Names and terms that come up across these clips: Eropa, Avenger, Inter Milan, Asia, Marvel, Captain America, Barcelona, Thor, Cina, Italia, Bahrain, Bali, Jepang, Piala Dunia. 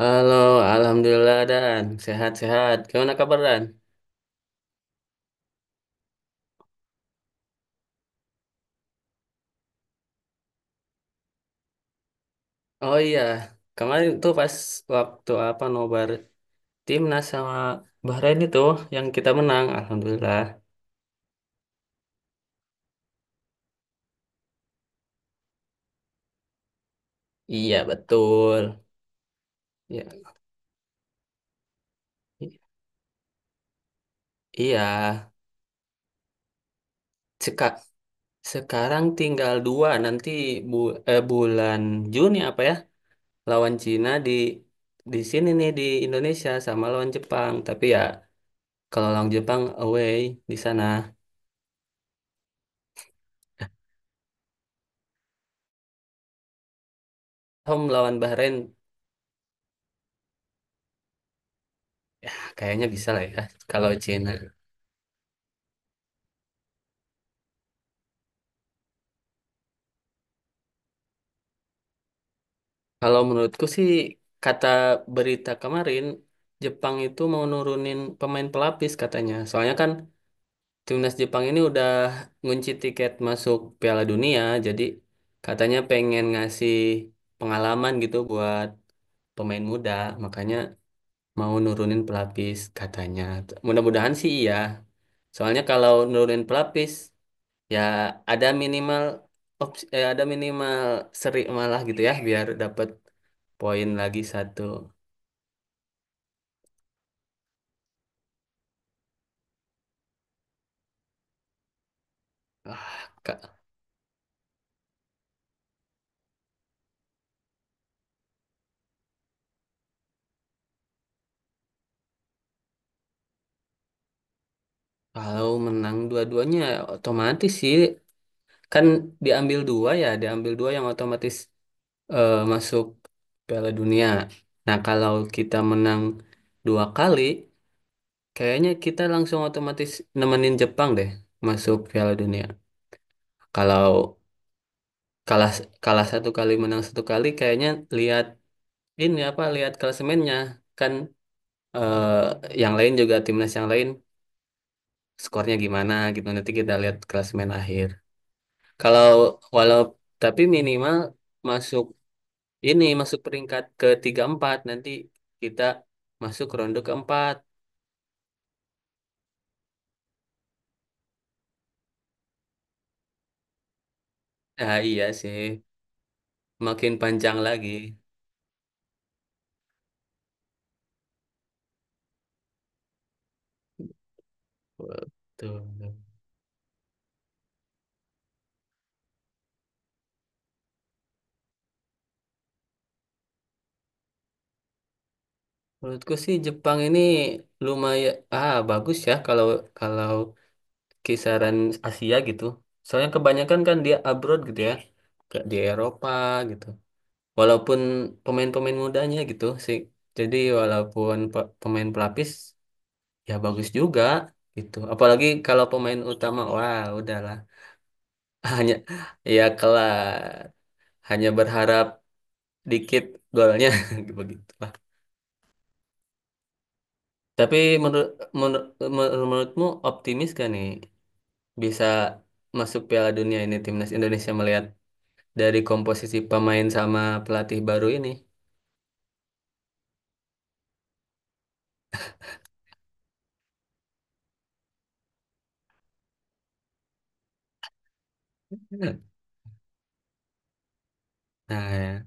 Halo, Alhamdulillah Dan. Sehat-sehat. Gimana kabar Dan? Oh iya, kemarin tuh pas waktu apa nobar timnas sama Bahrain itu yang kita menang, Alhamdulillah. Iya betul. Ya, i- iya. Seka sekarang tinggal dua nanti bu bulan Juni apa ya lawan Cina di sini nih di Indonesia sama lawan Jepang. Tapi ya kalau lawan Jepang away di sana, home lawan Bahrain. Kayaknya bisa lah ya, kalau Cina. Kalau menurutku sih, kata berita kemarin, Jepang itu mau nurunin pemain pelapis katanya. Soalnya kan timnas Jepang ini udah ngunci tiket masuk Piala Dunia, jadi katanya pengen ngasih pengalaman gitu buat pemain muda, makanya mau nurunin pelapis katanya. Mudah-mudahan sih iya. Soalnya kalau nurunin pelapis, ya ada minimal ada minimal seri malah gitu ya biar dapat poin lagi satu. Ah, Kak, kalau menang dua-duanya ya otomatis sih, kan diambil dua ya, diambil dua yang otomatis, masuk Piala Dunia. Nah, kalau kita menang dua kali, kayaknya kita langsung otomatis nemenin Jepang deh masuk Piala Dunia. Kalau kalah kalah satu kali menang satu kali, kayaknya lihat ini apa lihat klasemennya, kan yang lain juga timnas yang lain skornya gimana gitu nanti kita lihat klasemen akhir. Kalau walau tapi minimal masuk ini masuk peringkat ke tiga empat nanti kita masuk ronde keempat. Ah iya sih, makin panjang lagi tuh. Menurutku sih Jepang ini lumayan ah bagus ya, kalau kalau kisaran Asia gitu. Soalnya kebanyakan kan dia abroad gitu ya, kayak di Eropa gitu. Walaupun pemain-pemain mudanya gitu sih. Jadi walaupun pemain pelapis ya bagus juga gitu. Apalagi kalau pemain utama, wah udahlah. Hanya ya kelar. Hanya berharap dikit golnya begitu lah. Tapi menurut menur- menurutmu optimis gak nih bisa masuk Piala Dunia ini timnas Indonesia melihat dari komposisi pemain sama pelatih baru ini. Nah,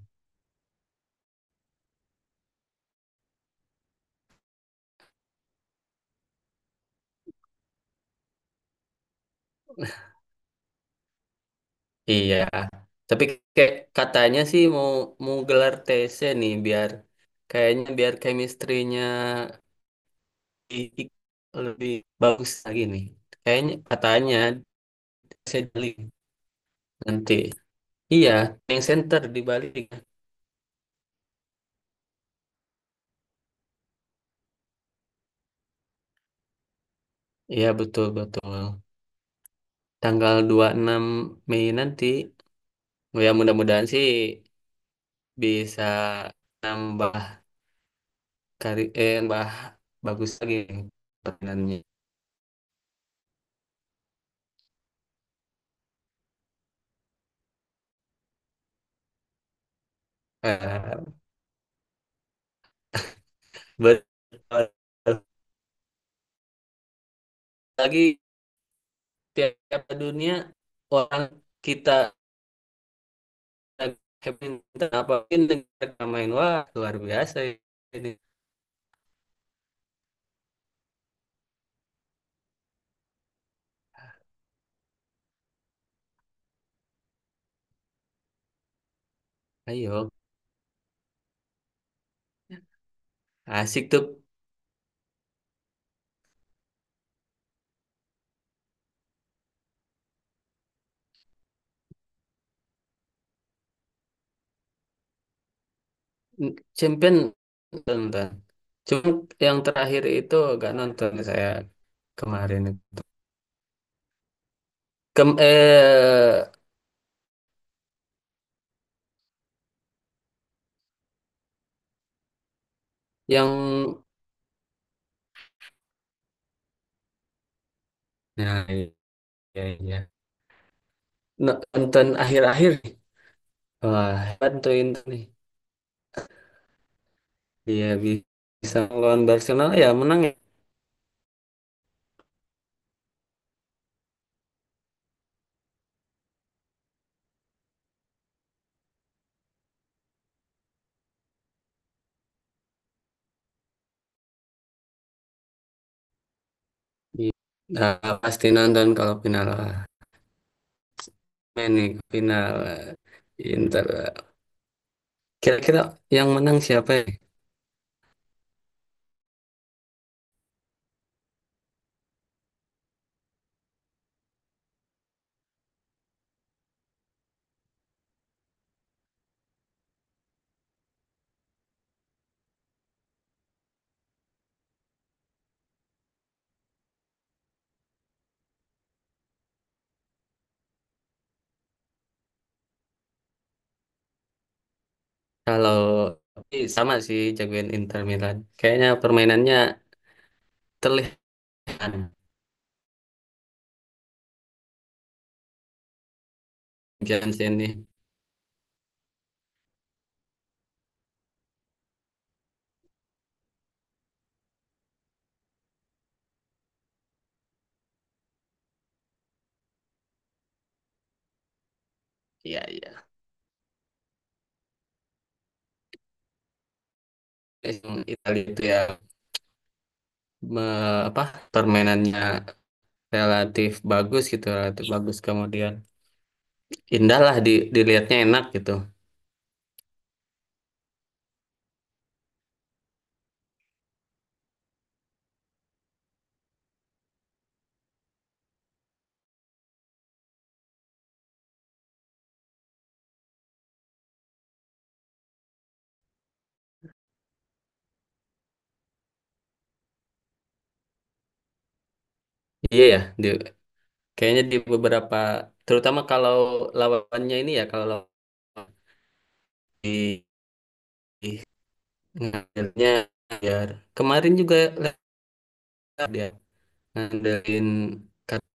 iya. Tapi kayak katanya sih mau mau gelar TC nih biar kayaknya biar chemistry-nya i- i- lebih bagus lagi nih. Kayaknya katanya saya Bali nanti. Iya, yang center di Bali. Iya, betul betul. Tanggal 26 Mei nanti. Ya mudah-mudahan sih bisa nambah yang bagus lagi permainannya. Eh, ber- lagi tiap dunia orang kita minta apa mungkin negara main wah luar biasa ini. Ayo, asik tuh. Champion nonton cuma yang terakhir itu gak nonton saya kemarin. Kem eh yang nah iya iya nonton akhir-akhir nih. Wah bantuin nih. Iya bisa lawan Barcelona ya menang ya. Iya. Nah, pasti nonton kalau final lah. Main nih final eh, Inter. Kira-kira yang menang siapa ya? Kalau tapi sama sih jagoin Inter Milan. Kayaknya permainannya terlihat Jansen nih. Iya iya. Yang Italia itu ya, me- apa permainannya relatif bagus gitu, relatif bagus kemudian indah lah di dilihatnya enak gitu. Iya ya, di, kayaknya di beberapa, terutama kalau lawannya ini ya, kalau lawan di di ngandelnya biar kemarin juga lihat dia ngandelin kata.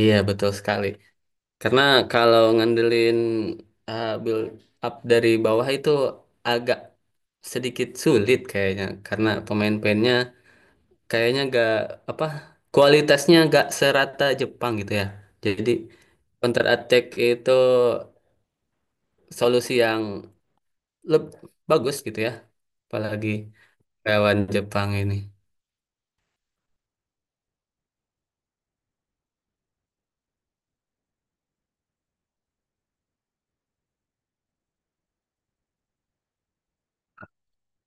Iya betul sekali karena kalau ngandelin build up dari bawah itu agak sedikit sulit kayaknya karena pemain-pemainnya kayaknya gak apa kualitasnya gak serata Jepang gitu ya. Jadi counter attack itu solusi yang leb- bagus gitu ya, apalagi lawan Jepang ini.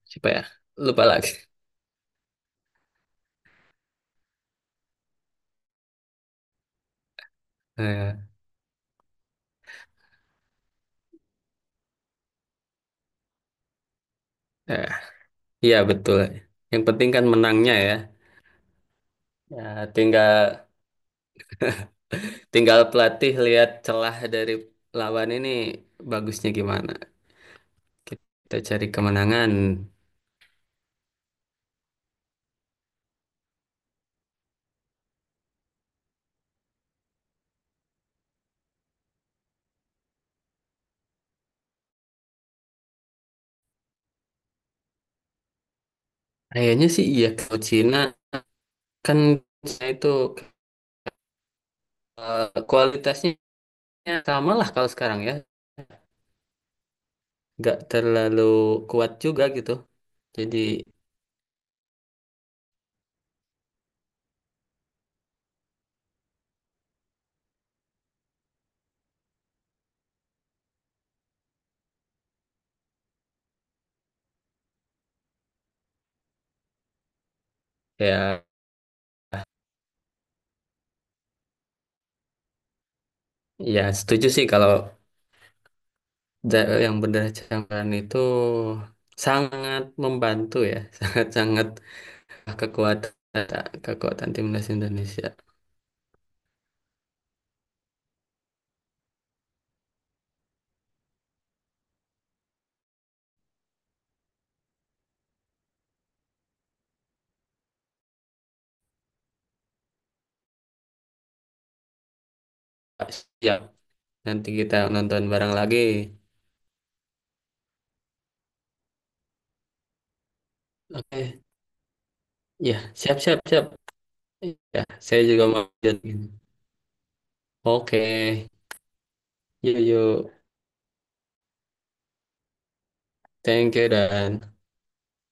Siapa ya, lupa lagi. eh eh, iya betul, yang penting kan menangnya ya. Ya tinggal tinggal pelatih lihat celah dari lawan ini bagusnya gimana kita cari kemenangan. Kayaknya sih iya, kalau Cina kan Cina itu, kualitasnya sama lah kalau sekarang ya, nggak terlalu kuat juga gitu. Jadi ya, ya setuju sih kalau yang berdarah campuran itu sangat membantu ya, sangat-sangat kekuatan kekuatan timnas Indonesia. Siap, nanti kita nonton bareng lagi. Oke, ya siap siap siap. Ya, saya juga mau lanjut. Oke, yuk yuk, thank you Dan.